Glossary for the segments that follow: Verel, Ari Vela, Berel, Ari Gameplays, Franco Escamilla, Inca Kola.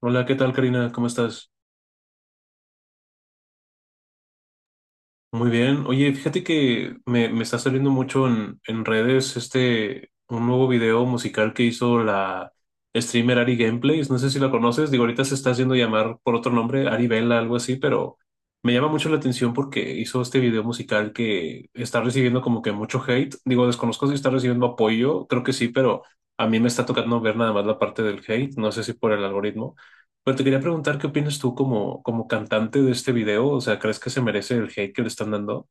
Hola, ¿qué tal, Karina? ¿Cómo estás? Muy bien. Oye, fíjate que me está saliendo mucho en redes este un nuevo video musical que hizo la streamer Ari Gameplays. No sé si la conoces. Digo, ahorita se está haciendo llamar por otro nombre, Ari Vela, algo así, pero me llama mucho la atención porque hizo este video musical que está recibiendo como que mucho hate. Digo, desconozco si está recibiendo apoyo, creo que sí, pero a mí me está tocando ver nada más la parte del hate. No sé si por el algoritmo. Pero te quería preguntar qué opinas tú como, como cantante de este video. O sea, ¿crees que se merece el hate que le están dando?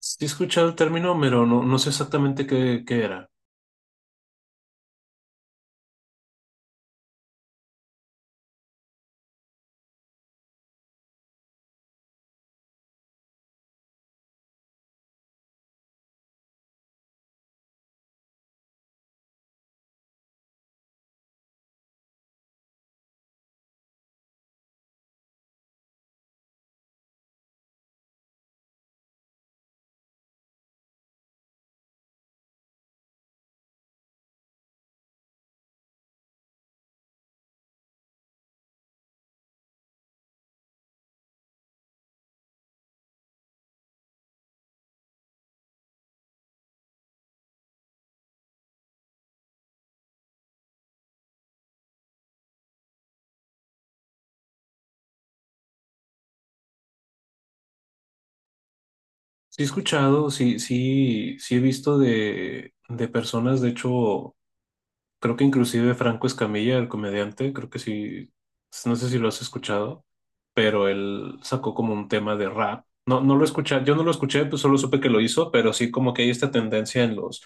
Sí he escuchado el término, pero no, no sé exactamente qué, qué era. Sí he escuchado, sí, sí, sí he visto de personas, de hecho. Creo que inclusive Franco Escamilla, el comediante, creo que sí, no sé si lo has escuchado, pero él sacó como un tema de rap. No, no lo escuché, yo no lo escuché, pues solo supe que lo hizo, pero sí como que hay esta tendencia en los,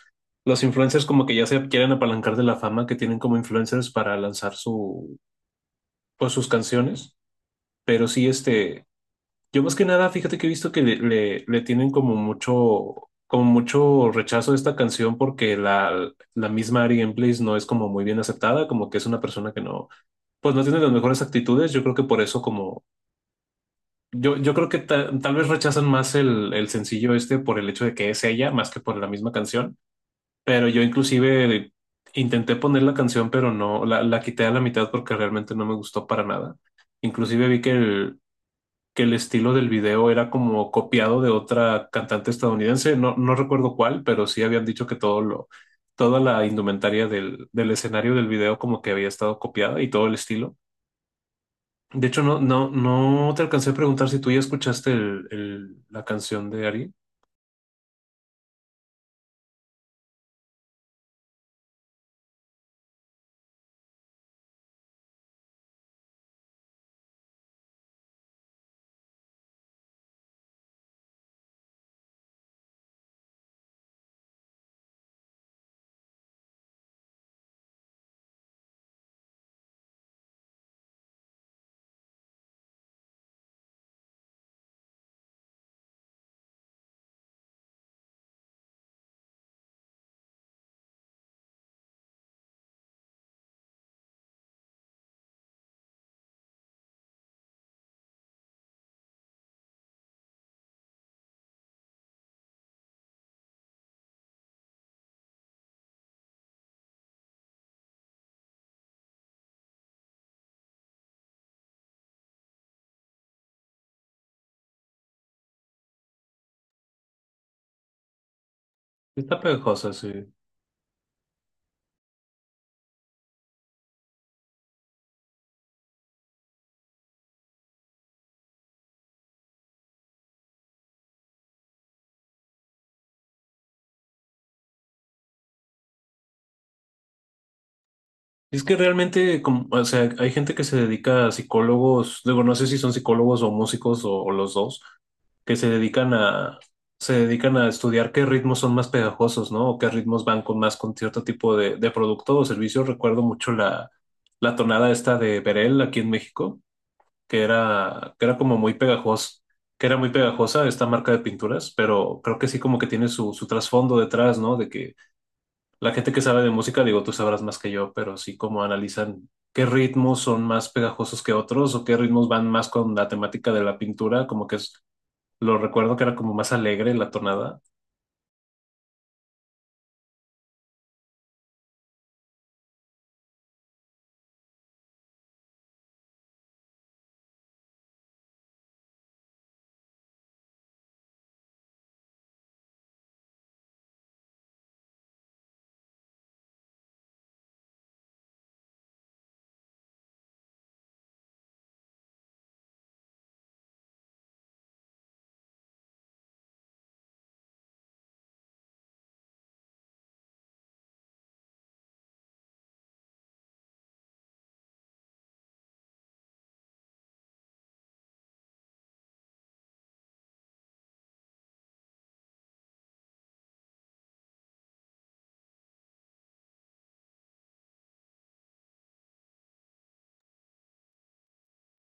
los influencers como que ya se quieren apalancar de la fama que tienen como influencers para lanzar su, pues sus canciones, pero sí este... Yo más que nada, fíjate que he visto que le tienen como mucho rechazo a esta canción porque la misma Ari Gameplays no es como muy bien aceptada, como que es una persona que no, pues no tiene las mejores actitudes. Yo creo que por eso como, yo creo que tal vez rechazan más el sencillo este por el hecho de que es ella, más que por la misma canción. Pero yo inclusive intenté poner la canción, pero no, la quité a la mitad porque realmente no me gustó para nada. Inclusive vi que el estilo del video era como copiado de otra cantante estadounidense, no, no recuerdo cuál, pero sí habían dicho que todo lo, toda la indumentaria del, del escenario del video como que había estado copiada y todo el estilo. De hecho, no, no, no te alcancé a preguntar si tú ya escuchaste la canción de Ari. Está pegajosa, sí. Es que realmente, como- o sea, hay gente que se dedica a psicólogos, digo, no sé si son psicólogos o músicos o los dos, que se dedican a estudiar qué ritmos son más pegajosos, ¿no? O qué ritmos van con más con cierto tipo de producto o servicio. Recuerdo mucho la tonada esta de Berel aquí en México, que era como muy pegajosa, que era muy pegajosa esta marca de pinturas, pero creo que sí como que tiene su, su trasfondo detrás, ¿no? De que la gente que sabe de música, digo, tú sabrás más que yo, pero sí como analizan qué ritmos son más pegajosos que otros o qué ritmos van más con la temática de la pintura, como que es, lo recuerdo que era como más alegre la tonada.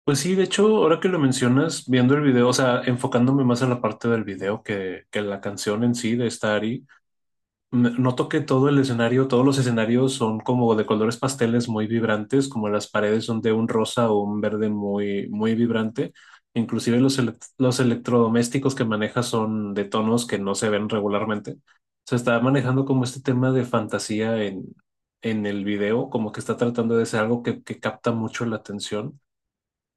Pues sí, de hecho, ahora que lo mencionas, viendo el video, o sea, enfocándome más en la parte del video que la canción en sí de esta Ari, Noto que todo el escenario, todos los escenarios son como de colores pasteles muy vibrantes, como las paredes son de un rosa o un verde muy, muy vibrante. Inclusive los electrodomésticos que maneja son de tonos que no se ven regularmente. Se está manejando como este tema de fantasía en el video, como que está tratando de ser algo que capta mucho la atención.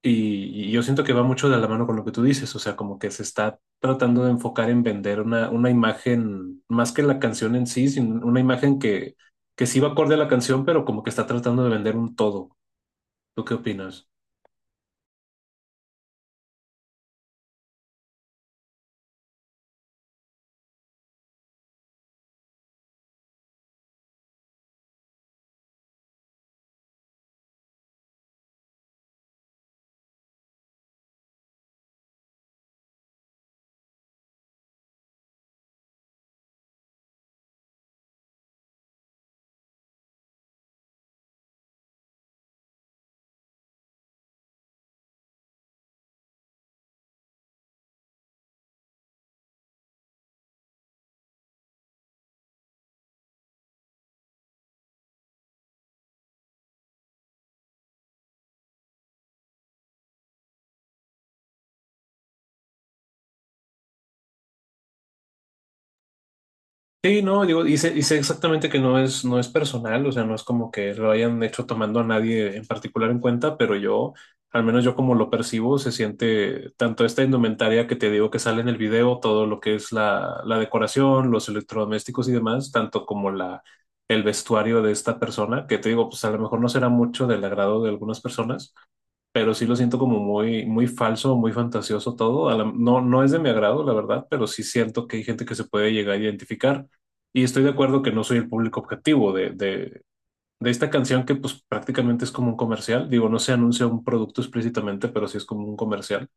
Y yo siento que va mucho de la mano con lo que tú dices, o sea, como que se está tratando de enfocar en vender una imagen, más que la canción en sí, sino una imagen que sí va acorde a la canción, pero como que está tratando de vender un todo. ¿Tú qué opinas? Sí, no, digo, y sé exactamente que no es, no es personal, o sea, no es como que lo hayan hecho tomando a nadie en particular en cuenta, pero yo, al menos yo como lo percibo, se siente tanto esta indumentaria que te digo que sale en el video, todo lo que es la decoración, los electrodomésticos y demás, tanto como la, el vestuario de esta persona, que te digo, pues a lo mejor no será mucho del agrado de algunas personas, pero sí lo siento como muy, muy falso, muy fantasioso todo. A la- no, no es de mi agrado, la verdad, pero sí siento que hay gente que se puede llegar a identificar. Y estoy de acuerdo que no soy el público objetivo de esta canción que pues prácticamente es como un comercial. Digo, no se anuncia un producto explícitamente, pero sí es como un comercial.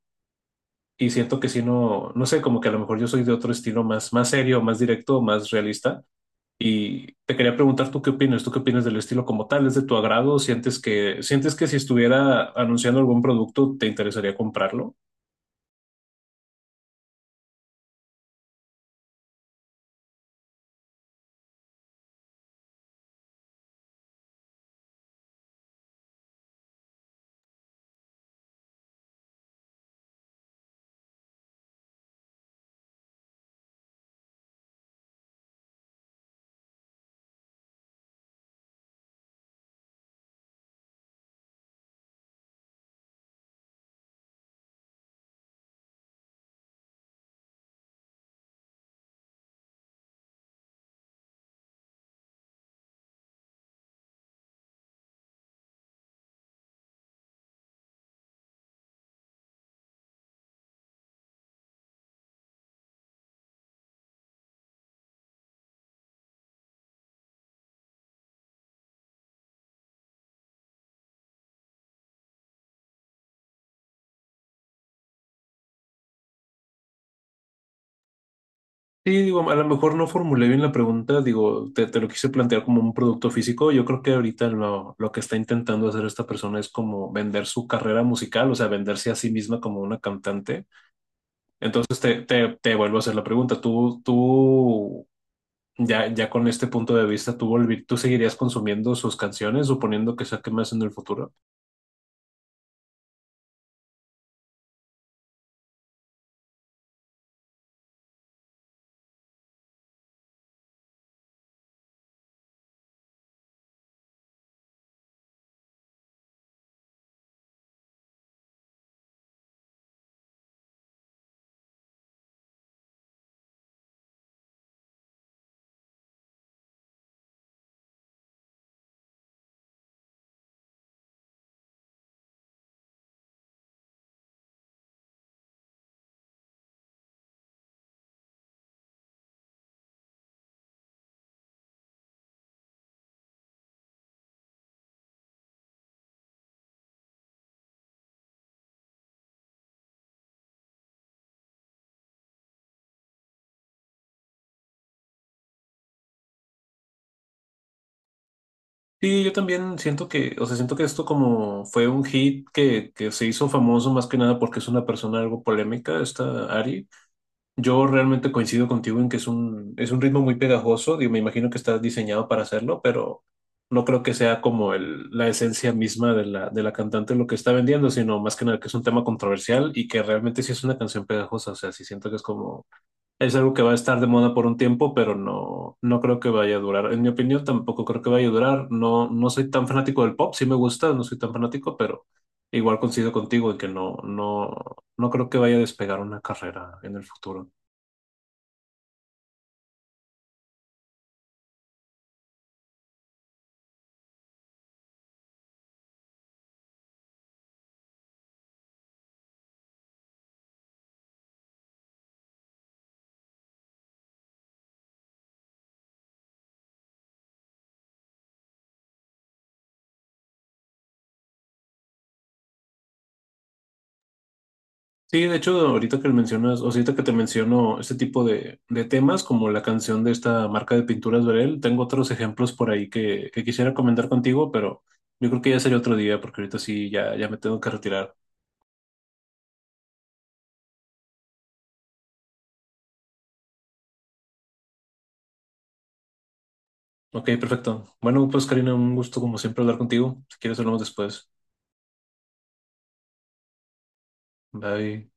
Y siento que si no, no sé, como que a lo mejor yo soy de otro estilo más, más serio, más directo, más realista. Y te quería preguntar, ¿tú qué opinas? ¿Tú qué opinas del estilo como tal? ¿Es de tu agrado? Sientes que si estuviera anunciando algún producto te interesaría comprarlo? Sí, digo, a lo mejor no formulé bien la pregunta, digo, te lo quise plantear como un producto físico. Yo creo que ahorita lo que está intentando hacer esta persona es como vender su carrera musical, o sea, venderse a sí misma como una cantante. Entonces te vuelvo a hacer la pregunta, ¿tú ya con este punto de vista, ¿tú, tú seguirías consumiendo sus canciones suponiendo que saque más en el futuro? Sí, yo también siento que, o sea, siento que esto como fue un hit que se hizo famoso más que nada porque es una persona algo polémica, esta Ari. Yo realmente coincido contigo en que es un ritmo muy pegajoso, digo, me imagino que está diseñado para hacerlo, pero no creo que sea como el, la esencia misma de la cantante lo que está vendiendo, sino más que nada que es un tema controversial y que realmente sí es una canción pegajosa, o sea, sí siento que es como es algo que va a estar de moda por un tiempo, pero no, no creo que vaya a durar. En mi opinión, tampoco creo que vaya a durar. No, no soy tan fanático del pop, sí me gusta, no soy tan fanático, pero igual coincido contigo en que no, no, no creo que vaya a despegar una carrera en el futuro. Sí, de hecho, ahorita que mencionas, o sea, ahorita que te menciono este tipo de temas, como la canción de esta marca de pinturas Verel, tengo otros ejemplos por ahí que quisiera comentar contigo, pero yo creo que ya sería otro día, porque ahorita sí ya, ya me tengo que retirar. Ok, perfecto. Bueno, pues Karina, un gusto como siempre hablar contigo. Si quieres, hablamos después. Bye.